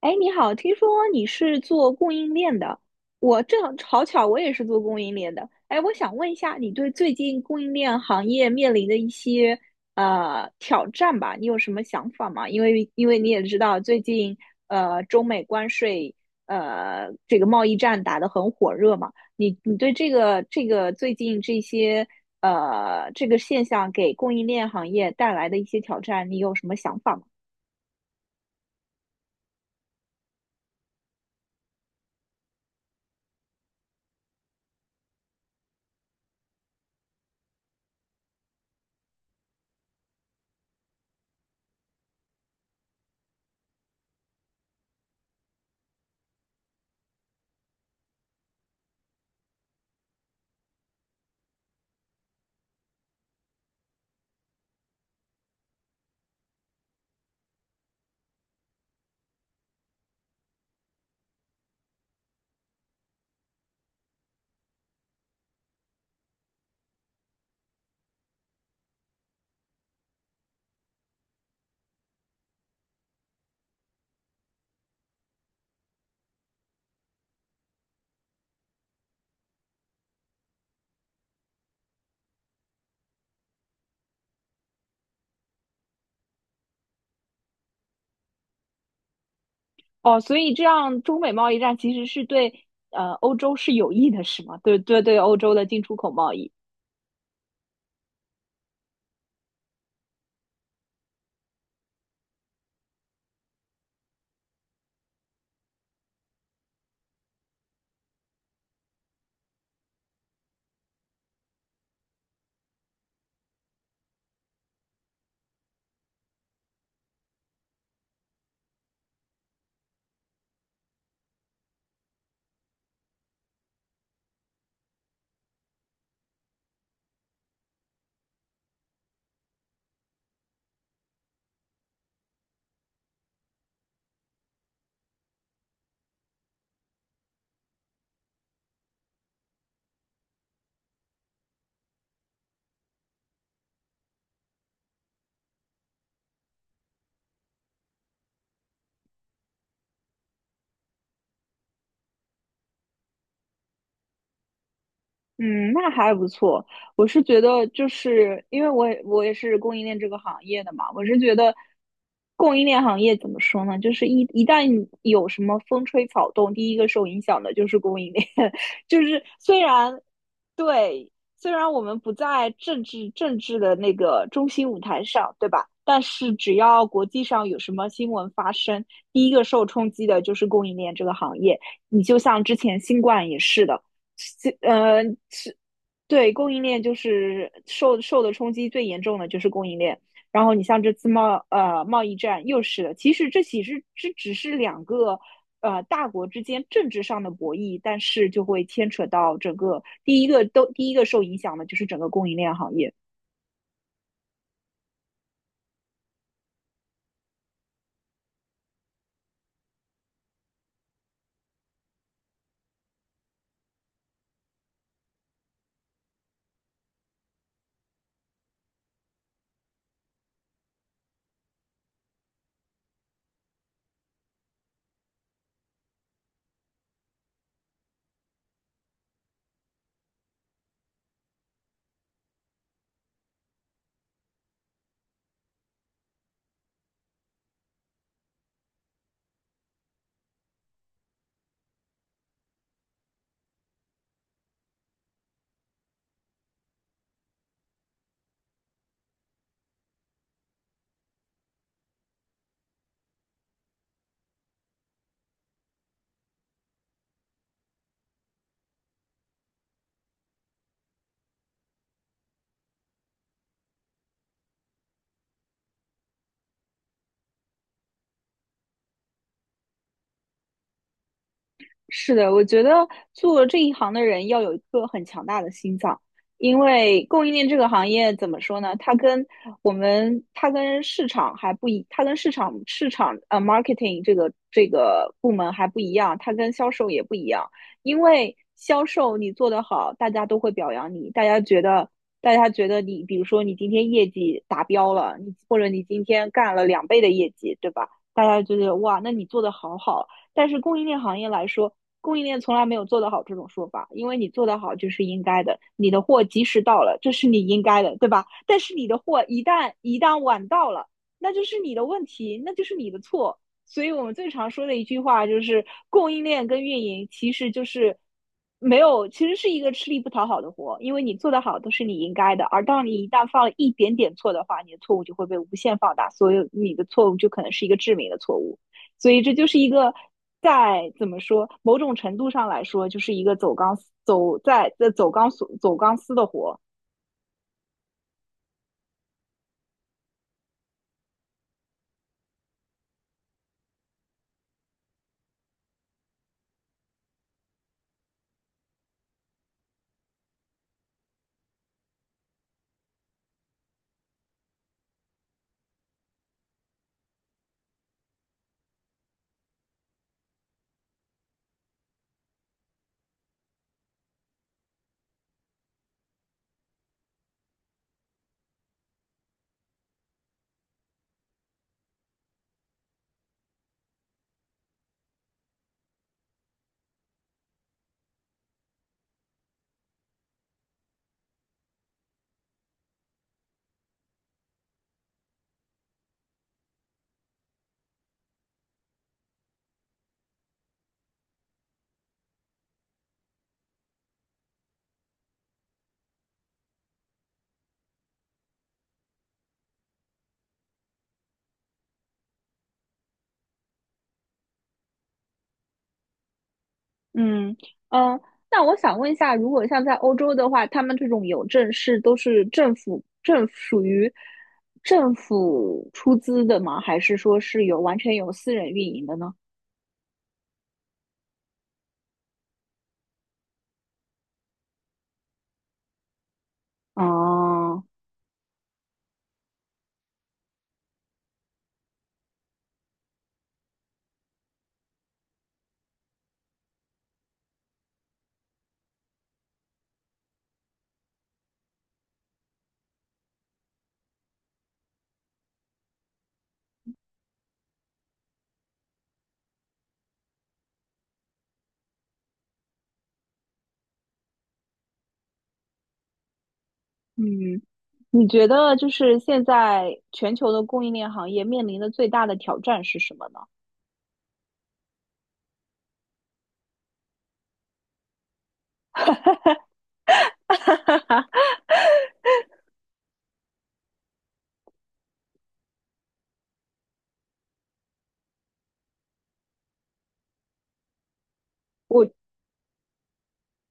哎，你好，听说你是做供应链的，我正好巧，我也是做供应链的。哎，我想问一下，你对最近供应链行业面临的一些挑战吧，你有什么想法吗？因为你也知道，最近中美关税这个贸易战打得很火热嘛，你对这个最近这些这个现象给供应链行业带来的一些挑战，你有什么想法吗？哦，所以这样中美贸易战其实是对欧洲是有益的，是吗？对对对，欧洲的进出口贸易。嗯，那还不错。我是觉得，就是因为我也是供应链这个行业的嘛，我是觉得供应链行业怎么说呢？就是一旦有什么风吹草动，第一个受影响的就是供应链。就是虽然对，虽然我们不在政治的那个中心舞台上，对吧？但是只要国际上有什么新闻发生，第一个受冲击的就是供应链这个行业。你就像之前新冠也是的。呃对，供应链就是受的冲击最严重的就是供应链。然后你像这次贸易战又是的，其实这只是两个大国之间政治上的博弈，但是就会牵扯到整个第一个受影响的就是整个供应链行业。是的，我觉得做这一行的人要有一颗很强大的心脏，因为供应链这个行业怎么说呢？它跟我们，它跟市场还不一，它跟市场marketing 这个这个部门还不一样，它跟销售也不一样。因为销售你做得好，大家都会表扬你，大家觉得你，比如说你今天业绩达标了，你或者你今天干了两倍的业绩，对吧？大家就觉得哇，那你做的好好。但是供应链行业来说，供应链从来没有做得好这种说法，因为你做得好就是应该的，你的货及时到了，这是你应该的，对吧？但是你的货一旦晚到了，那就是你的问题，那就是你的错。所以我们最常说的一句话就是，供应链跟运营其实就是没有，其实是一个吃力不讨好的活，因为你做得好都是你应该的，而当你一旦犯了一点点错的话，你的错误就会被无限放大，所以你的错误就可能是一个致命的错误。所以这就是一个在怎么说，某种程度上来说，就是一个走钢丝走在在走钢索走钢丝的活。嗯嗯，那我想问一下，如果像在欧洲的话，他们这种邮政是都是政府政属于政府出资的吗？还是说是有完全由私人运营的呢？哦，嗯，你觉得就是现在全球的供应链行业面临的最大的挑战是什么呢？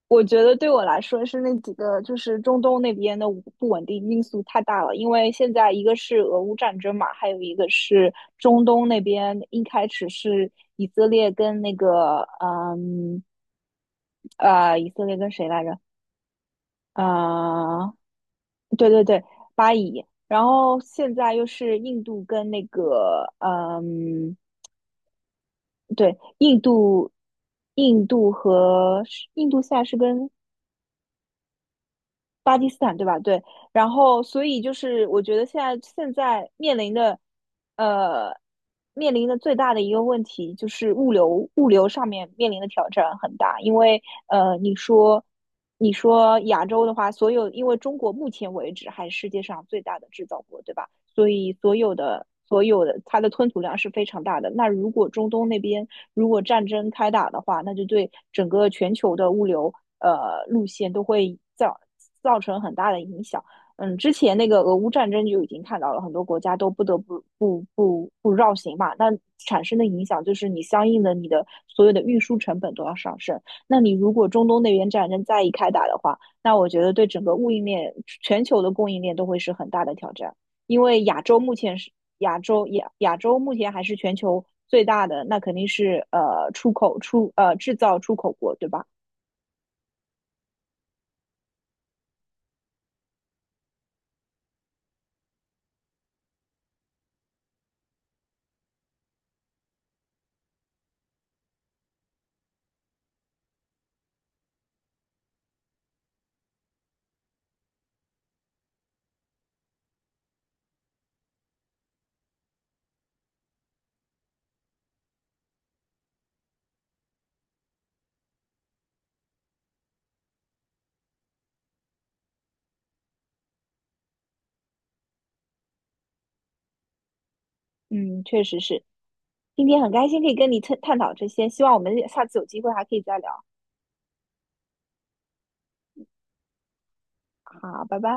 我觉得对我来说是那几个，就是中东那边的不稳定因素太大了。因为现在一个是俄乌战争嘛，还有一个是中东那边一开始是以色列跟那个，嗯，以色列跟谁来着？呃，对对对，巴以。然后现在又是印度跟那个，嗯，对，印度，印度和印度现在是跟巴基斯坦对吧？对，然后所以就是我觉得现在面临的，呃，面临的最大的一个问题就是物流上面面临的挑战很大，因为，你说你说亚洲的话，所有因为中国目前为止还是世界上最大的制造国，对吧？所以所有的它的吞吐量是非常大的。那如果中东那边如果战争开打的话，那就对整个全球的物流路线都会造成很大的影响。嗯，之前那个俄乌战争就已经看到了，很多国家都不得不绕行嘛。那产生的影响就是你相应的你的所有的运输成本都要上升。那你如果中东那边战争再一开打的话，那我觉得对整个供应链、全球的供应链都会是很大的挑战。因为亚洲目前是亚洲目前还是全球最大的，那肯定是出口出呃制造出口国，对吧？嗯，确实是。今天很开心可以跟你探讨这些，希望我们下次有机会还可以再聊。好，拜拜。